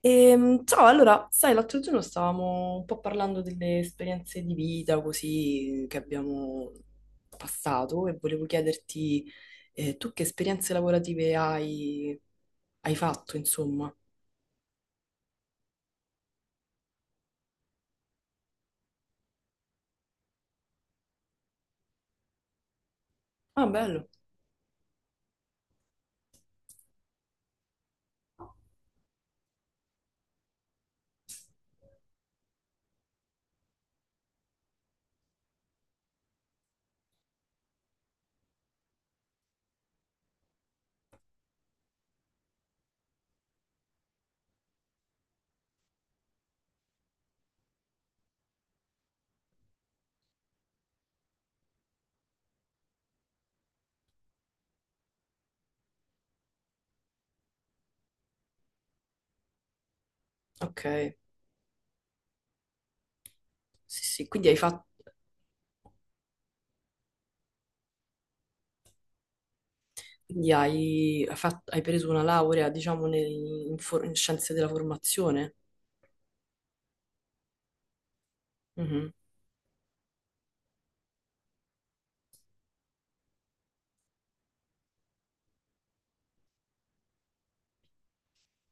Ciao, allora, sai, l'altro giorno stavamo un po' parlando delle esperienze di vita così, che abbiamo passato e volevo chiederti tu che esperienze lavorative hai, hai fatto, insomma. Ah, bello. Ok, sì, sì, quindi hai fatto, quindi hai, hai preso una laurea, diciamo, in scienze della formazione. Mhm.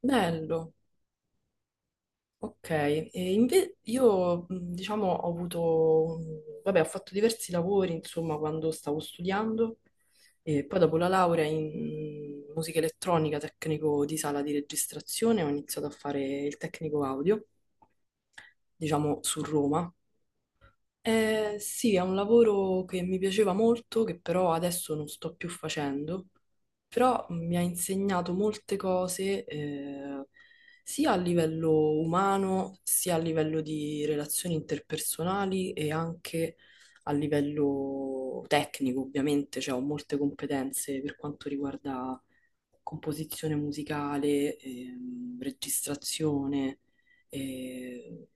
Bello. Ok, e io diciamo ho avuto, vabbè, ho fatto diversi lavori, insomma, quando stavo studiando e poi dopo la laurea in musica elettronica, tecnico di sala di registrazione, ho iniziato a fare il tecnico audio, diciamo su Roma, sì, è un lavoro che mi piaceva molto, che però adesso non sto più facendo, però mi ha insegnato molte cose, sia a livello umano, sia a livello di relazioni interpersonali e anche a livello tecnico, ovviamente, cioè ho molte competenze per quanto riguarda composizione musicale, registrazione. E.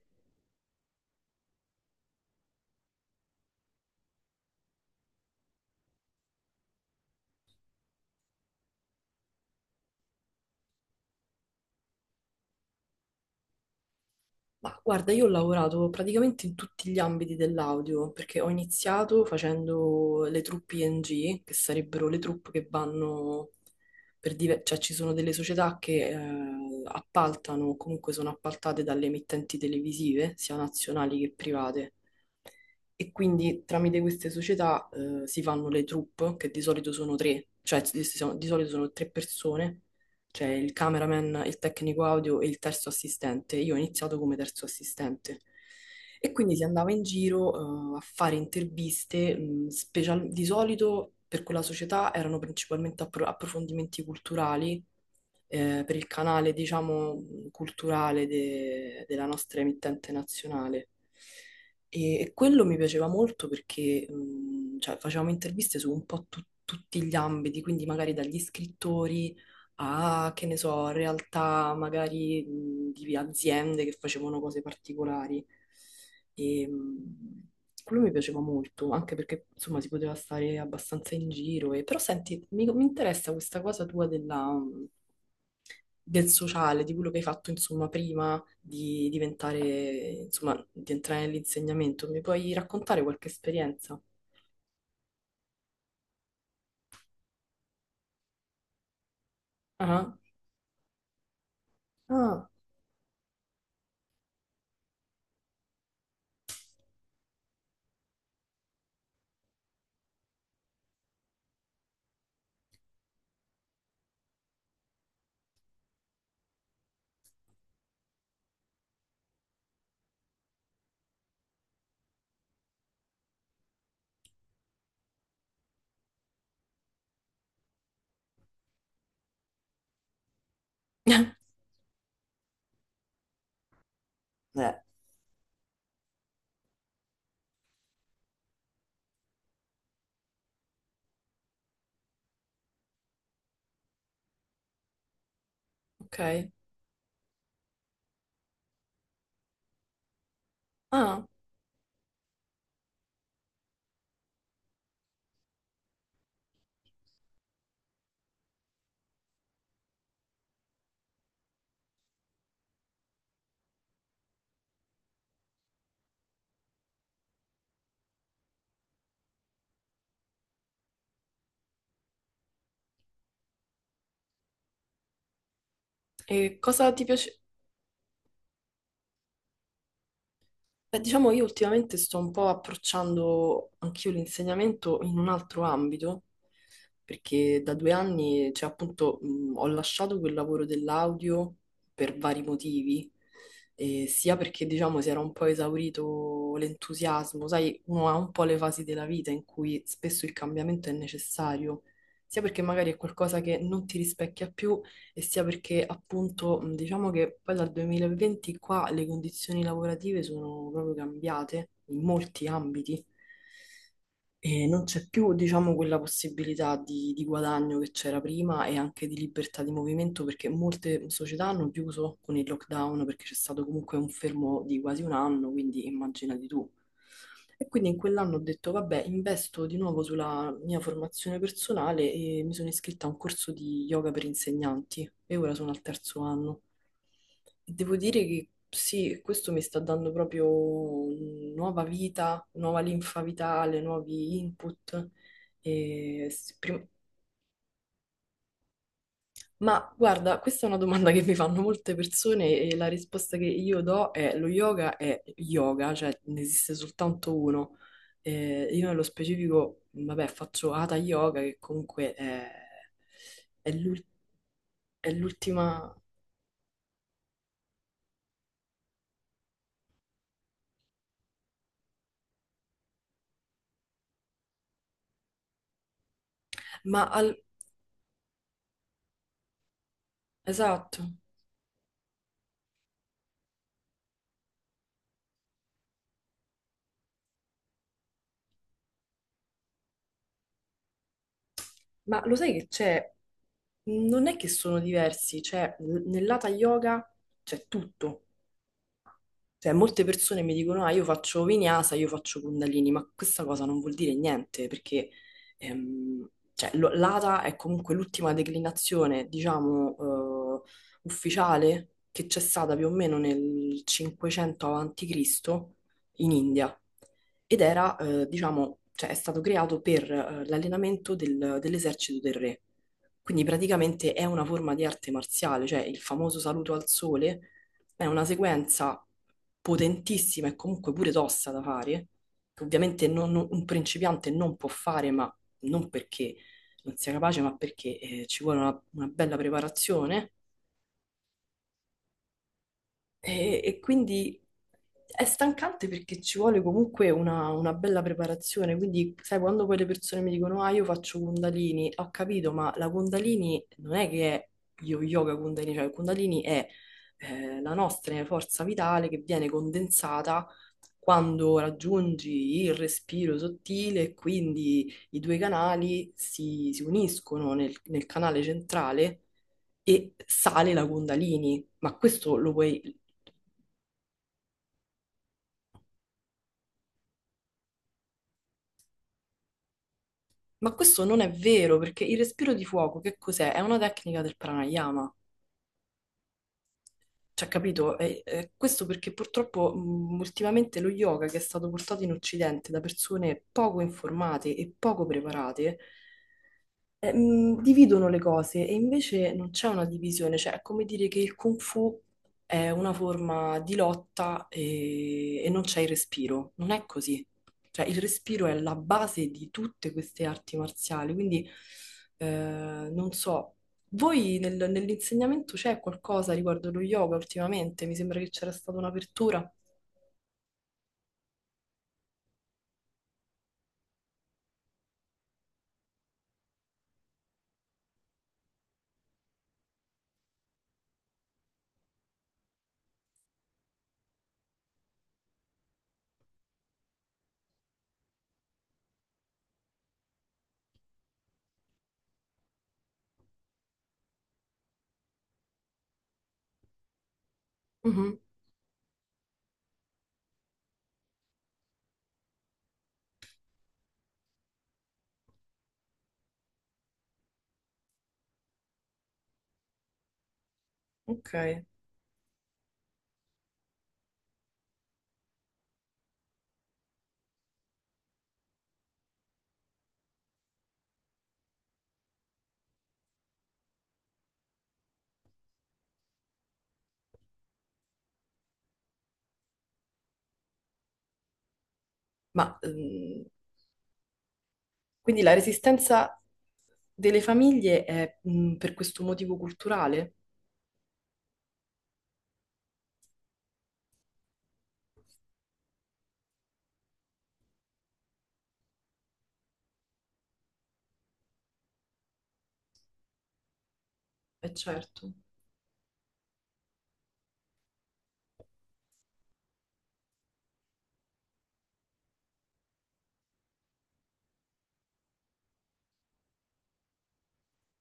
Ma guarda, io ho lavorato praticamente in tutti gli ambiti dell'audio, perché ho iniziato facendo le truppe ING, che sarebbero le truppe che vanno cioè ci sono delle società che appaltano, o comunque sono appaltate dalle emittenti televisive, sia nazionali che private. E quindi tramite queste società si fanno le troupe, che di solito sono tre, cioè di solito sono tre persone cioè il cameraman, il tecnico audio e il terzo assistente. Io ho iniziato come terzo assistente. E quindi si andava in giro, a fare interviste, di solito per quella società erano principalmente approfondimenti culturali per il canale, diciamo, culturale della nostra emittente nazionale. E quello mi piaceva molto perché cioè, facevamo interviste su un po' tutti gli ambiti, quindi magari dagli scrittori a, che ne so, realtà magari di aziende che facevano cose particolari. E, quello mi piaceva molto, anche perché insomma si poteva stare abbastanza in giro. E, però senti, mi interessa questa cosa tua della, del sociale, di quello che hai fatto, insomma, prima di diventare, insomma, di entrare nell'insegnamento. Mi puoi raccontare qualche esperienza? Ah, ah, Eh, ok. Ah, e cosa ti piace? Beh, diciamo, io ultimamente sto un po' approcciando anch'io l'insegnamento in un altro ambito, perché da 2 anni, cioè appunto, ho lasciato quel lavoro dell'audio per vari motivi, sia perché, diciamo, si era un po' esaurito l'entusiasmo, sai, uno ha un po' le fasi della vita in cui spesso il cambiamento è necessario, sia perché magari è qualcosa che non ti rispecchia più e sia perché appunto diciamo che poi dal 2020 qua le condizioni lavorative sono proprio cambiate in molti ambiti. E non c'è più, diciamo, quella possibilità di guadagno che c'era prima e anche di libertà di movimento perché molte società hanno chiuso con il lockdown perché c'è stato comunque un fermo di quasi un anno, quindi immaginati tu. E quindi in quell'anno ho detto, vabbè, investo di nuovo sulla mia formazione personale e mi sono iscritta a un corso di yoga per insegnanti e ora sono al 3º anno. Devo dire che sì, questo mi sta dando proprio nuova vita, nuova linfa vitale, nuovi input. E s- prim- Ma guarda, questa è una domanda che mi fanno molte persone e la risposta che io do è lo yoga è yoga, cioè ne esiste soltanto uno. Io nello specifico, vabbè, faccio Hatha Yoga che comunque è, è l'ul- è l'ultima... Ma al- esatto, ma lo sai che c'è? Non è che sono diversi, cioè nel Hatha Yoga c'è tutto, cioè, molte persone mi dicono, ah, io faccio vinyasa, io faccio kundalini, ma questa cosa non vuol dire niente, perché cioè, l'ata è comunque l'ultima declinazione, diciamo, ufficiale che c'è stata più o meno nel 500 avanti Cristo in India. Ed era, diciamo, cioè, è stato creato per l'allenamento dell'esercito del re. Quindi praticamente è una forma di arte marziale, cioè il famoso saluto al sole è una sequenza potentissima e comunque pure tosta da fare, che ovviamente un principiante non può fare, ma non perché non sia capace, ma perché ci vuole una bella preparazione e quindi è stancante perché ci vuole comunque una bella preparazione. Quindi, sai, quando poi le persone mi dicono, ah, io faccio Kundalini, ho capito, ma la Kundalini non è che è yoga Kundalini, cioè il Kundalini è la nostra forza vitale che viene condensata quando raggiungi il respiro sottile, e quindi i due canali si, si uniscono nel nel canale centrale e sale la Kundalini. Ma questo lo puoi... Ma questo non è vero, perché il respiro di fuoco che cos'è? È una tecnica del pranayama. Cioè, capito? È questo perché purtroppo ultimamente lo yoga che è stato portato in Occidente da persone poco informate e poco preparate dividono le cose e invece non c'è una divisione, cioè è come dire che il Kung Fu è una forma di lotta e non c'è il respiro, non è così. Cioè il respiro è la base di tutte queste arti marziali, quindi non so, voi nell'insegnamento c'è qualcosa riguardo lo yoga ultimamente? Mi sembra che c'era stata un'apertura. Mhm, ok, ma quindi la resistenza delle famiglie è per questo motivo culturale? Eh certo,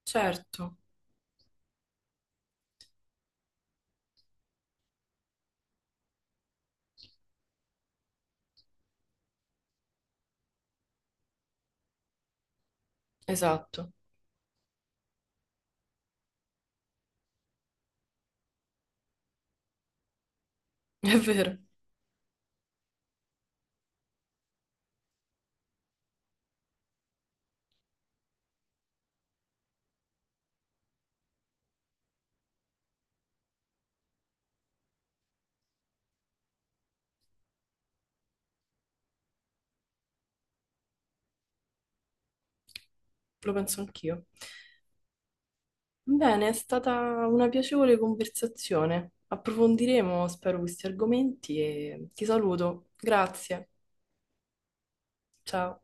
certo, esatto, è vero, lo penso anch'io. Bene, è stata una piacevole conversazione. Approfondiremo, spero, questi argomenti e ti saluto. Grazie, ciao.